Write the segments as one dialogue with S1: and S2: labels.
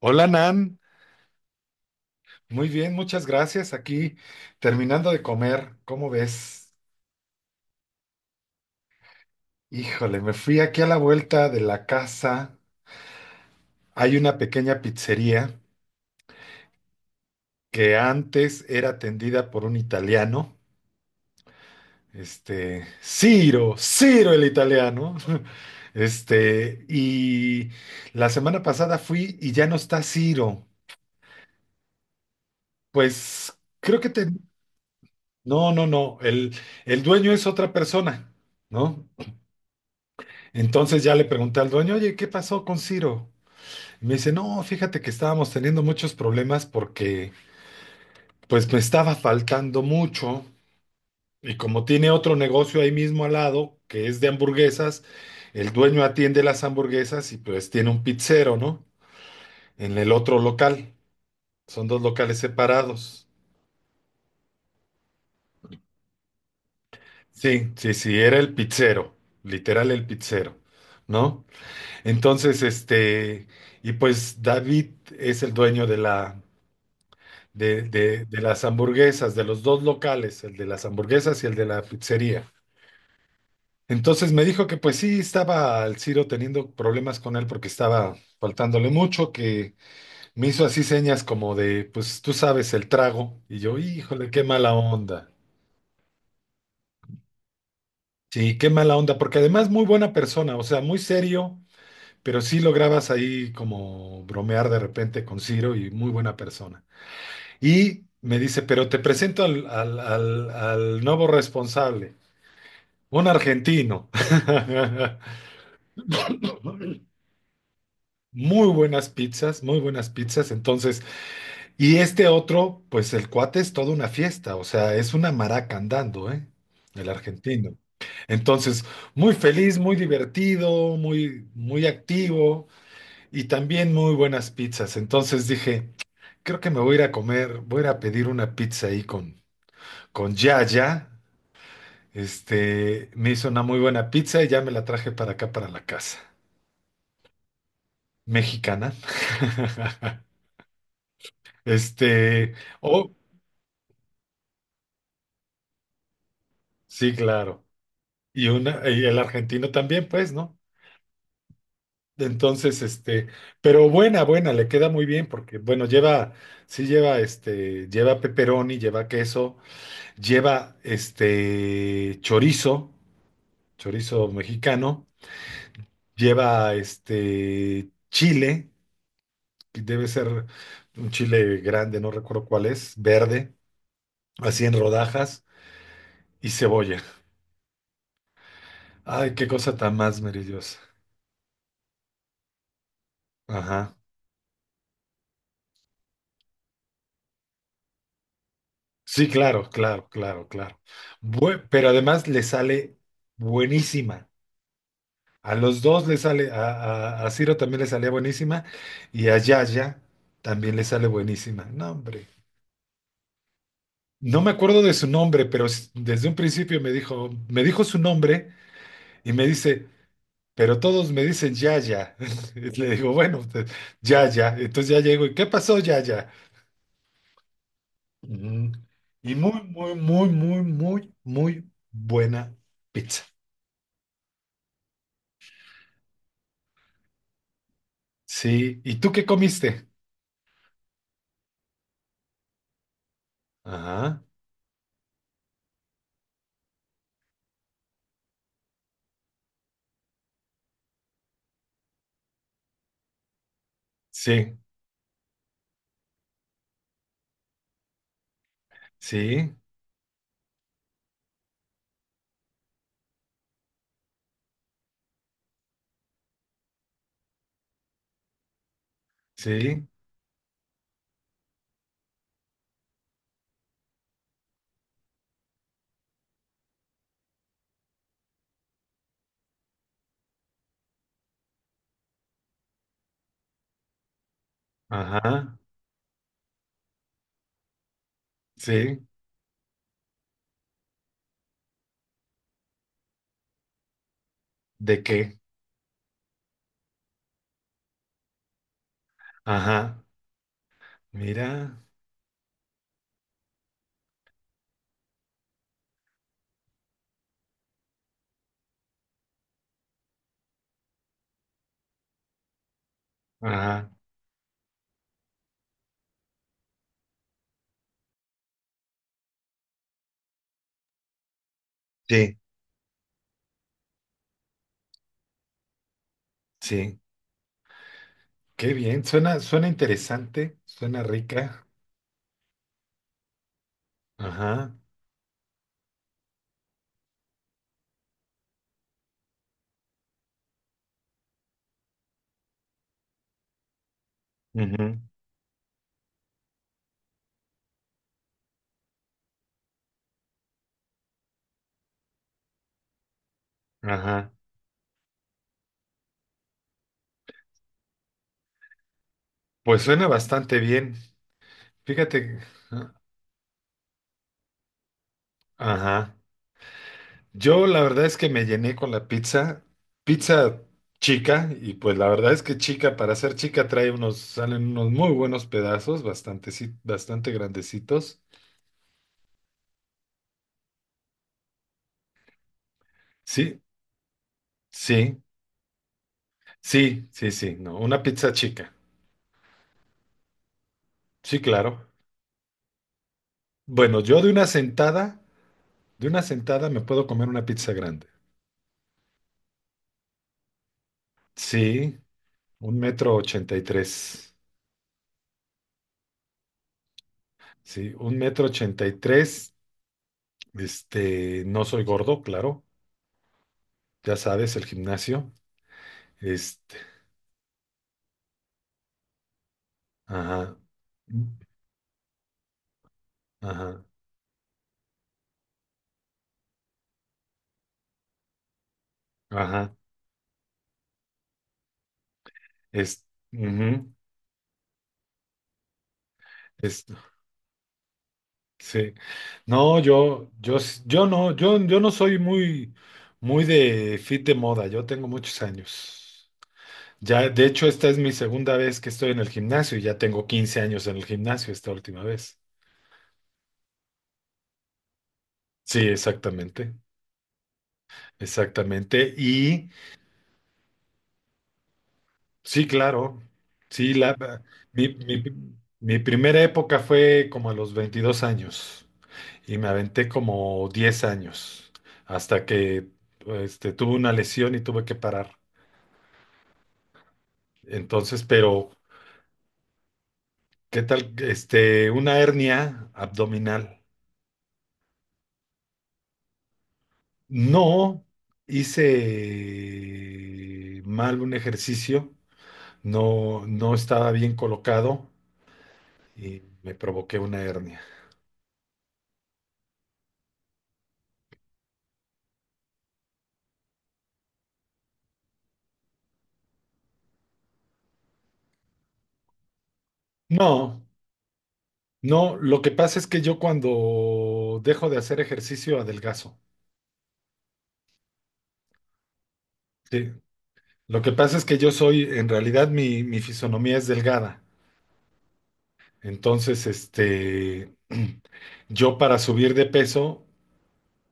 S1: Hola Nan, muy bien, muchas gracias. Aquí terminando de comer, ¿cómo ves? Híjole, me fui aquí a la vuelta de la casa. Hay una pequeña pizzería que antes era atendida por un italiano, Ciro, Ciro el italiano. Y la semana pasada fui y ya no está Ciro. Pues creo que te. No, no, no, el dueño es otra persona, ¿no? Entonces ya le pregunté al dueño, oye, ¿qué pasó con Ciro? Y me dice, no, fíjate que estábamos teniendo muchos problemas porque pues me estaba faltando mucho y como tiene otro negocio ahí mismo al lado, que es de hamburguesas, el dueño atiende las hamburguesas y pues tiene un pizzero, ¿no? En el otro local, son dos locales separados. Sí, sí, sí, era el pizzero, literal el pizzero, ¿no? Entonces, y pues David es el dueño de la de las hamburguesas, de los dos locales, el de las hamburguesas y el de la pizzería. Entonces me dijo que pues sí, estaba el Ciro teniendo problemas con él porque estaba faltándole mucho, que me hizo así señas como de, pues tú sabes, el trago. Y yo, híjole, qué mala onda. Sí, qué mala onda, porque además muy buena persona, o sea, muy serio, pero sí lograbas ahí como bromear de repente con Ciro y muy buena persona. Y me dice, pero te presento al nuevo responsable. Un argentino. Muy buenas pizzas, muy buenas pizzas. Entonces, y este otro, pues el cuate es toda una fiesta, o sea, es una maraca andando, ¿eh? El argentino. Entonces, muy feliz, muy divertido, muy, muy activo y también muy buenas pizzas. Entonces dije, creo que me voy a ir a comer, voy a ir a pedir una pizza ahí con Yaya. Me hizo una muy buena pizza y ya me la traje para acá, para la casa. Mexicana. Este, oh, sí, claro. Y el argentino también, pues, ¿no? Entonces, pero buena, buena, le queda muy bien porque, bueno, lleva, sí lleva, lleva pepperoni, lleva queso, lleva, chorizo, chorizo mexicano, lleva, chile, que debe ser un chile grande, no recuerdo cuál es, verde, así en rodajas, y cebolla. Ay, qué cosa tan más maravillosa. Ajá. Sí, claro, claro, claro, claro. Pero además le sale buenísima. A los dos le sale, a Ciro también le salía buenísima y a Yaya también le sale buenísima. No, hombre. No me acuerdo de su nombre, desde un principio me dijo, su nombre y me dice, pero todos me dicen Yaya. Y le digo, bueno, pues, Yaya. Entonces ya llego y, ¿qué pasó, Yaya? Ujú. Y muy, muy, muy, muy, muy, muy buena pizza. Sí. ¿Y tú qué comiste? Ajá. Sí, sí, sí. Ajá. Sí. ¿De qué? Ajá. Mira. Ajá. Sí, sí. Qué bien. Suena interesante. Suena rica. Ajá. Ujú. Ajá. Pues suena bastante bien. Fíjate. Ajá. Yo la verdad es que me llené con la pizza, pizza chica, y pues la verdad es que chica, para ser chica trae unos, salen unos muy buenos pedazos, bastante, si, bastante grandecitos. Sí, sí, sí, sí, sí, no, una pizza chica. Sí, claro. Bueno, yo de una sentada me puedo comer una pizza grande. Sí, 1.83 m. Sí, un metro ochenta y tres. No soy gordo, claro. Ya sabes, el gimnasio. Este, Ajá, ajá, ajá, es, ujú, es, sí. No, yo no, yo no soy muy, muy de fit de moda, yo tengo muchos años. Ya, de hecho, esta es mi segunda vez que estoy en el gimnasio y ya tengo 15 años en el gimnasio esta última vez. Sí, exactamente, exactamente. Y sí, claro, sí, mi, mi, mi primera época fue como a los 22 años. Y me aventé como 10 años hasta que tuve una lesión y tuve que parar. Entonces, pero, ¿qué tal? Una hernia abdominal. No hice mal un ejercicio, no, no estaba bien colocado y me provoqué una hernia. No, no, lo que pasa es que yo cuando dejo de hacer ejercicio adelgazo. Sí, lo que pasa es que yo soy, en realidad mi, fisonomía es delgada. Entonces, yo para subir de peso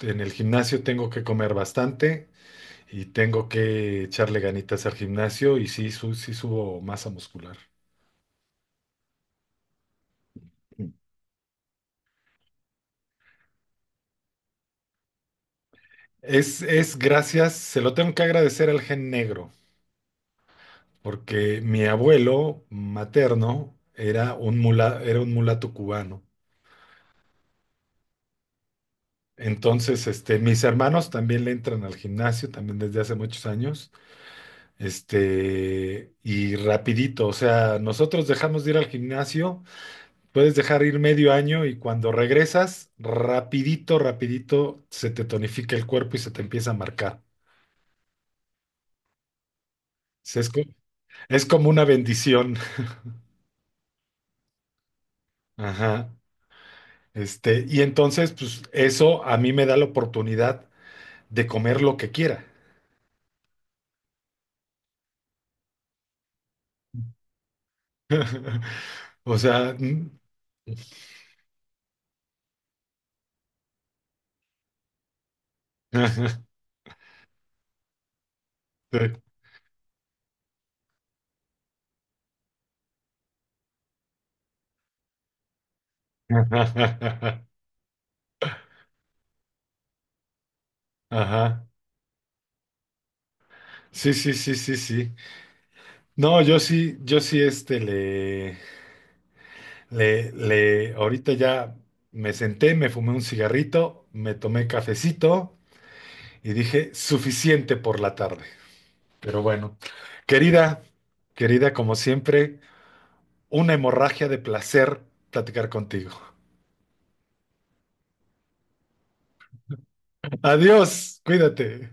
S1: en el gimnasio tengo que comer bastante y tengo que echarle ganitas al gimnasio y sí, sí subo masa muscular. Es gracias, se lo tengo que agradecer al gen negro, porque mi abuelo materno era un mulato cubano. Entonces, mis hermanos también le entran al gimnasio, también desde hace muchos años, y rapidito, o sea, nosotros dejamos de ir al gimnasio, puedes dejar ir medio año y cuando regresas, rapidito, rapidito, se te tonifica el cuerpo y se te empieza a marcar. Se- Es, co- es como una bendición. Ajá. Y entonces, pues eso a mí me da la oportunidad de comer lo que quiera. O sea, mm, sí. Ajá. Ajá. Sí, sí, sí, sí, sí. No, yo sí, yo sí, ahorita ya me senté, me fumé un cigarrito, me tomé cafecito y dije, suficiente por la tarde. Pero bueno, querida, querida, como siempre, una hemorragia de placer platicar contigo. Adiós, cuídate.